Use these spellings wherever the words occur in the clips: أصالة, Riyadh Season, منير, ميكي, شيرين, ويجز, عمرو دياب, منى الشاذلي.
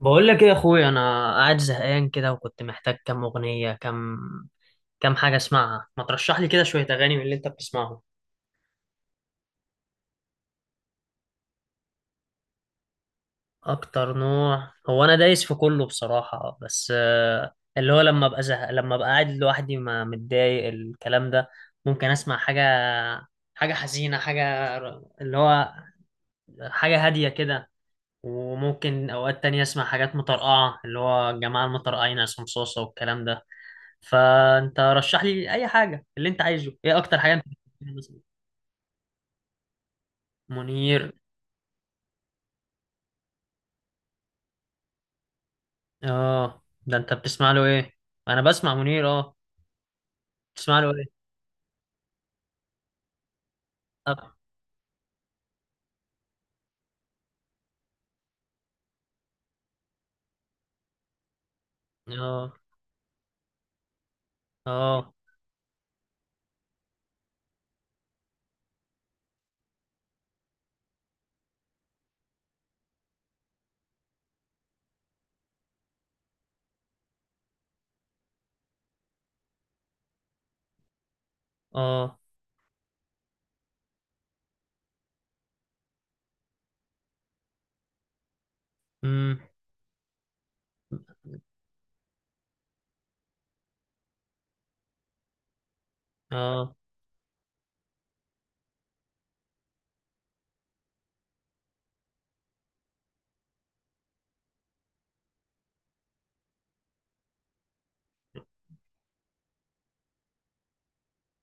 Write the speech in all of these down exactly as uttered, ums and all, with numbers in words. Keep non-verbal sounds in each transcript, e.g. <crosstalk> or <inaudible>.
بقول لك ايه يا اخويا، انا قاعد زهقان كده وكنت محتاج كام اغنيه، كام كام حاجه اسمعها. ما ترشح لي كده شويه اغاني من اللي انت بتسمعهم. اكتر نوع هو انا دايس في كله بصراحه، بس آه، اللي هو لما ابقى زهق لما ابقى قاعد لوحدي ما متضايق الكلام ده، ممكن اسمع حاجه، حاجه حزينه، حاجه ر- اللي هو حاجه هاديه كده. وممكن اوقات تانية اسمع حاجات مطرقعه، اللي هو الجماعه المطرقعين عصام صوصه والكلام ده. فانت رشح لي اي حاجه اللي انت عايزه. ايه اكتر حاجه انت بتحبها مثلا؟ منير. اه، ده انت بتسمع له ايه؟ انا بسمع منير، اه. بتسمع له ايه؟ طب. اه. اه. اه. امم. اه.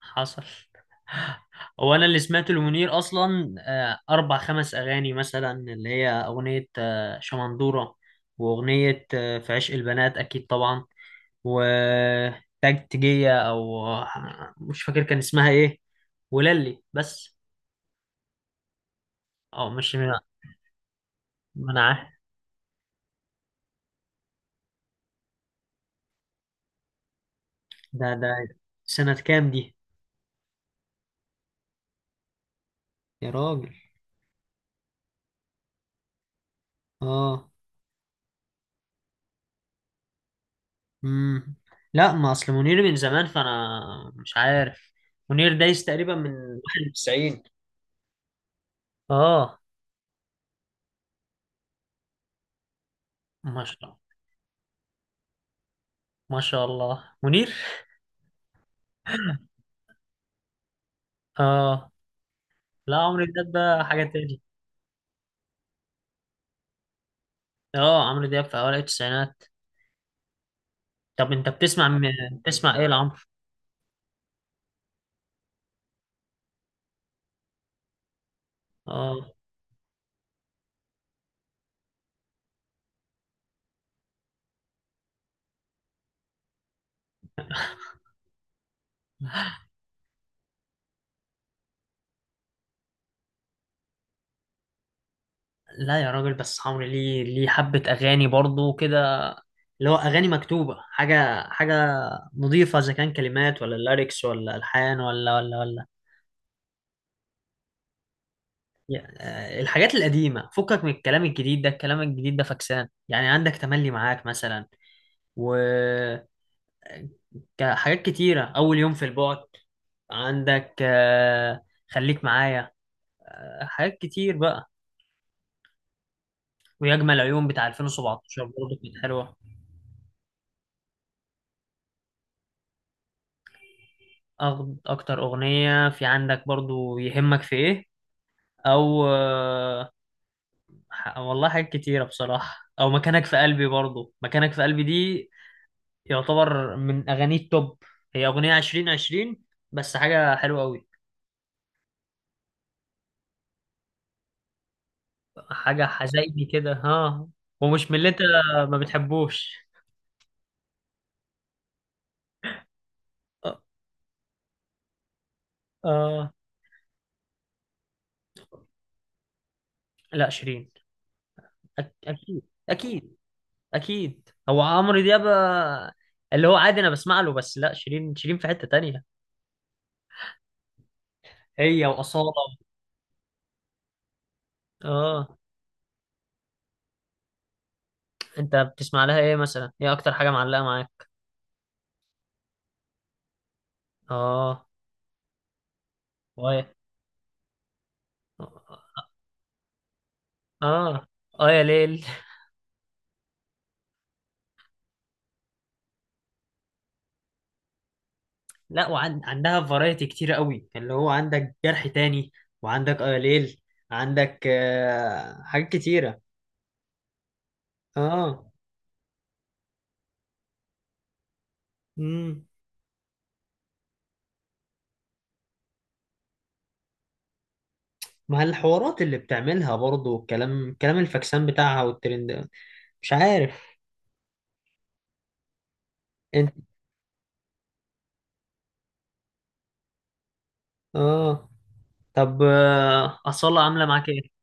حصل. هو انا اللي سمعت لمنير اصلا آه، اربع خمس اغاني مثلا، اللي هي اغنيه آه، شمندوره، واغنيه آه، في عشق البنات اكيد طبعا، وتكتيكية أو مش فاكر كان اسمها إيه، وللي بس. أه مش منعه. ده ده سنة كام دي؟ يا راجل. أه. مم. لا، ما أصل منير من زمان، فأنا مش عارف. منير دايس تقريبا من واحد وتسعين. أه. ما شاء الله. ما شاء الله، منير. أه. لا، عمرو دياب ده حاجة تاني. أه، عمرو دياب في أوائل التسعينات. طب أنت بتسمع م... بتسمع إيه لعمرو؟ أه. لا يا راجل، بس عمرو ليه ليه حبة أغاني برضو كده، اللي هو أغاني مكتوبة، حاجة حاجة نظيفة، إذا كان كلمات ولا ليركس ولا ألحان ولا ولا ولا. يا- آه، الحاجات القديمة فكك من الكلام الجديد ده، الكلام الجديد ده فكسان. يعني عندك تملي معاك مثلا، وحاجات كتيرة، أول يوم في البعد. عندك آه، خليك معايا، آه، حاجات كتير بقى. ويجمل عيون بتاع ألفين وسبعة عشر برضه كانت حلوة. أغ- أكتر أغنية في عندك برضه يهمك في إيه، او آه، ح- والله حاجات كتيرة بصراحة، او مكانك في قلبي. برضو مكانك في قلبي دي يعتبر من اغاني التوب. هي اغنية عشرين عشرين، بس حاجة حلوة قوي. حاجة حزيني كده، ها؟ ومش من اللي انت ما بتحبوش. آه. آه، لا، شيرين. أك- اكيد. اكيد. اكيد هو عمرو دياب آه، اللي هو عادي انا بسمع له. بس لا، شيرين شيرين في حتة تانية، هي واصالة. اه، انت بتسمع لها ايه مثلا؟ ايه اكتر حاجة معلقة معاك؟ اه. اه. اه. اه يا ليل. لا، وعندها فرايتي كتير قوي، اللي هو عندك جرح تاني، وعندك اه يا ليل، عندك آه حاجات كتيرة. اه. امم. مع الحوارات اللي بتعملها برضو، الكلام كلام الفاكسان بتاعها والترند. مش عارف انت. اه. طب، آه أصالة عاملة معاك ايه؟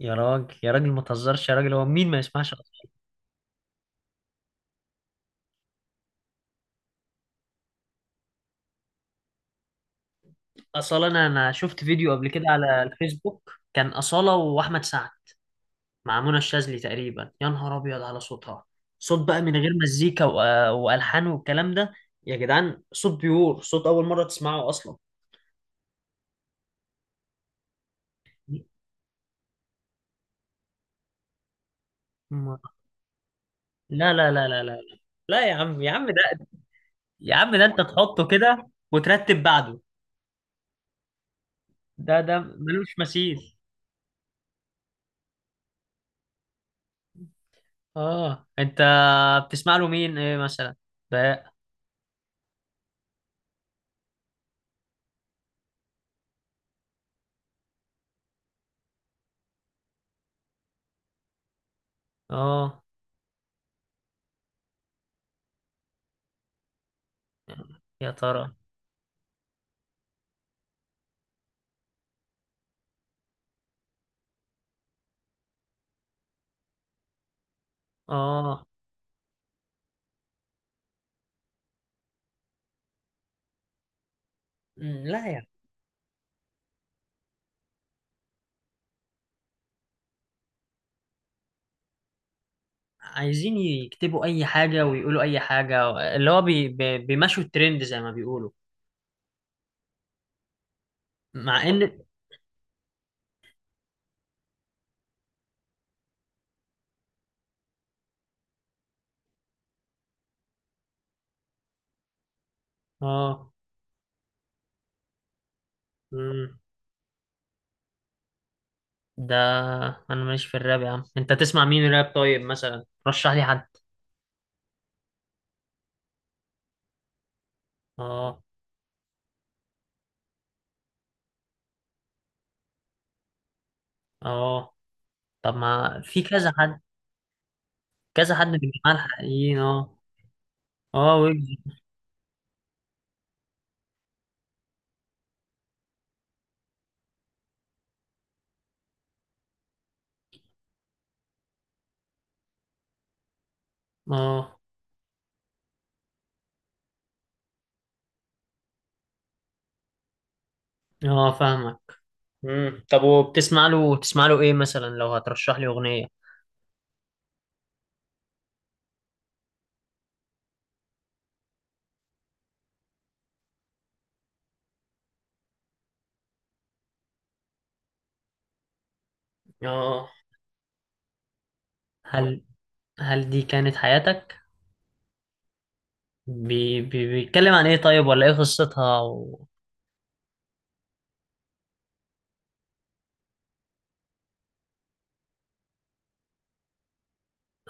يا راجل يا راجل، ما تهزرش يا راجل. هو مين ما يسمعش أصالة؟ أصالة، انا انا شفت فيديو قبل كده على الفيسبوك، كان أصالة واحمد سعد مع منى الشاذلي تقريبا. يا نهار ابيض على صوتها. صوت بقى من غير مزيكا و- والحان والكلام ده، يا جدعان. صوت بيور، صوت اول مره تسمعه اصلا. ما- لا لا لا لا لا. لا يا عم، يا عم ده، يا عم ده انت تحطه كده وترتب بعده. ده ده ملوش مثيل. اه، انت بتسمع له مين ايه مثلا بقى؟ اه، يا ترى. اه. لا، يا، عايزين يكتبوا اي حاجه ويقولوا اي حاجه، اللي هو بي بي بيمشوا الترند زي ما بيقولوا. مع ان. اه. مم. ده انا ماليش في الراب يا عم. انت تسمع مين راب طيب مثلا؟ رشح لي حد. اه. اه. طب، ما في كذا حد، كذا حد من الجماعه الحقيقيين. اه. اه، ويجز. اه. اه، فاهمك. مم. طب، وبتسمع له تسمع له ايه مثلا، لو هترشح لي اغنيه؟ اه. هل هل دي كانت حياتك، بي بي بيتكلم عن ايه طيب؟ ولا ايه قصتها و.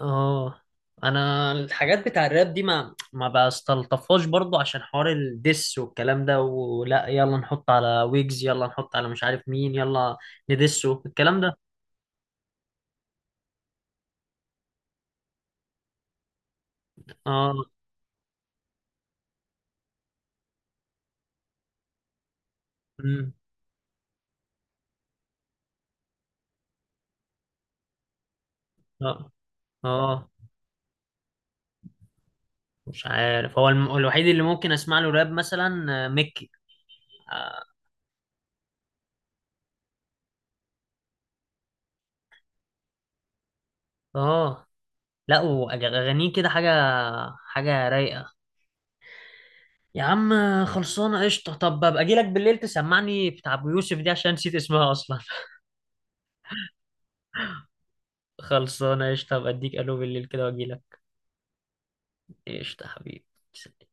اه، انا الحاجات بتاع الراب دي ما ما بستلطفهاش برضو، عشان حوار الدس والكلام ده، ولا يلا نحط على ويجز، يلا نحط على مش عارف مين، يلا ندسه الكلام ده. اه. أمم. اه. اه، مش عارف، هو الم... الوحيد اللي ممكن اسمع له راب مثلا آه، ميكي. اه. آه. لا، واغانيه كده حاجه حاجه رايقه يا عم. خلصانة قشطة. طب ابقى اجيلك بالليل تسمعني بتاع ابو يوسف دي، عشان نسيت اسمها اصلا <laughs> خلصانة قشطة، ابقى اديك الو بالليل كده واجيلك. قشطة يا حبيبي.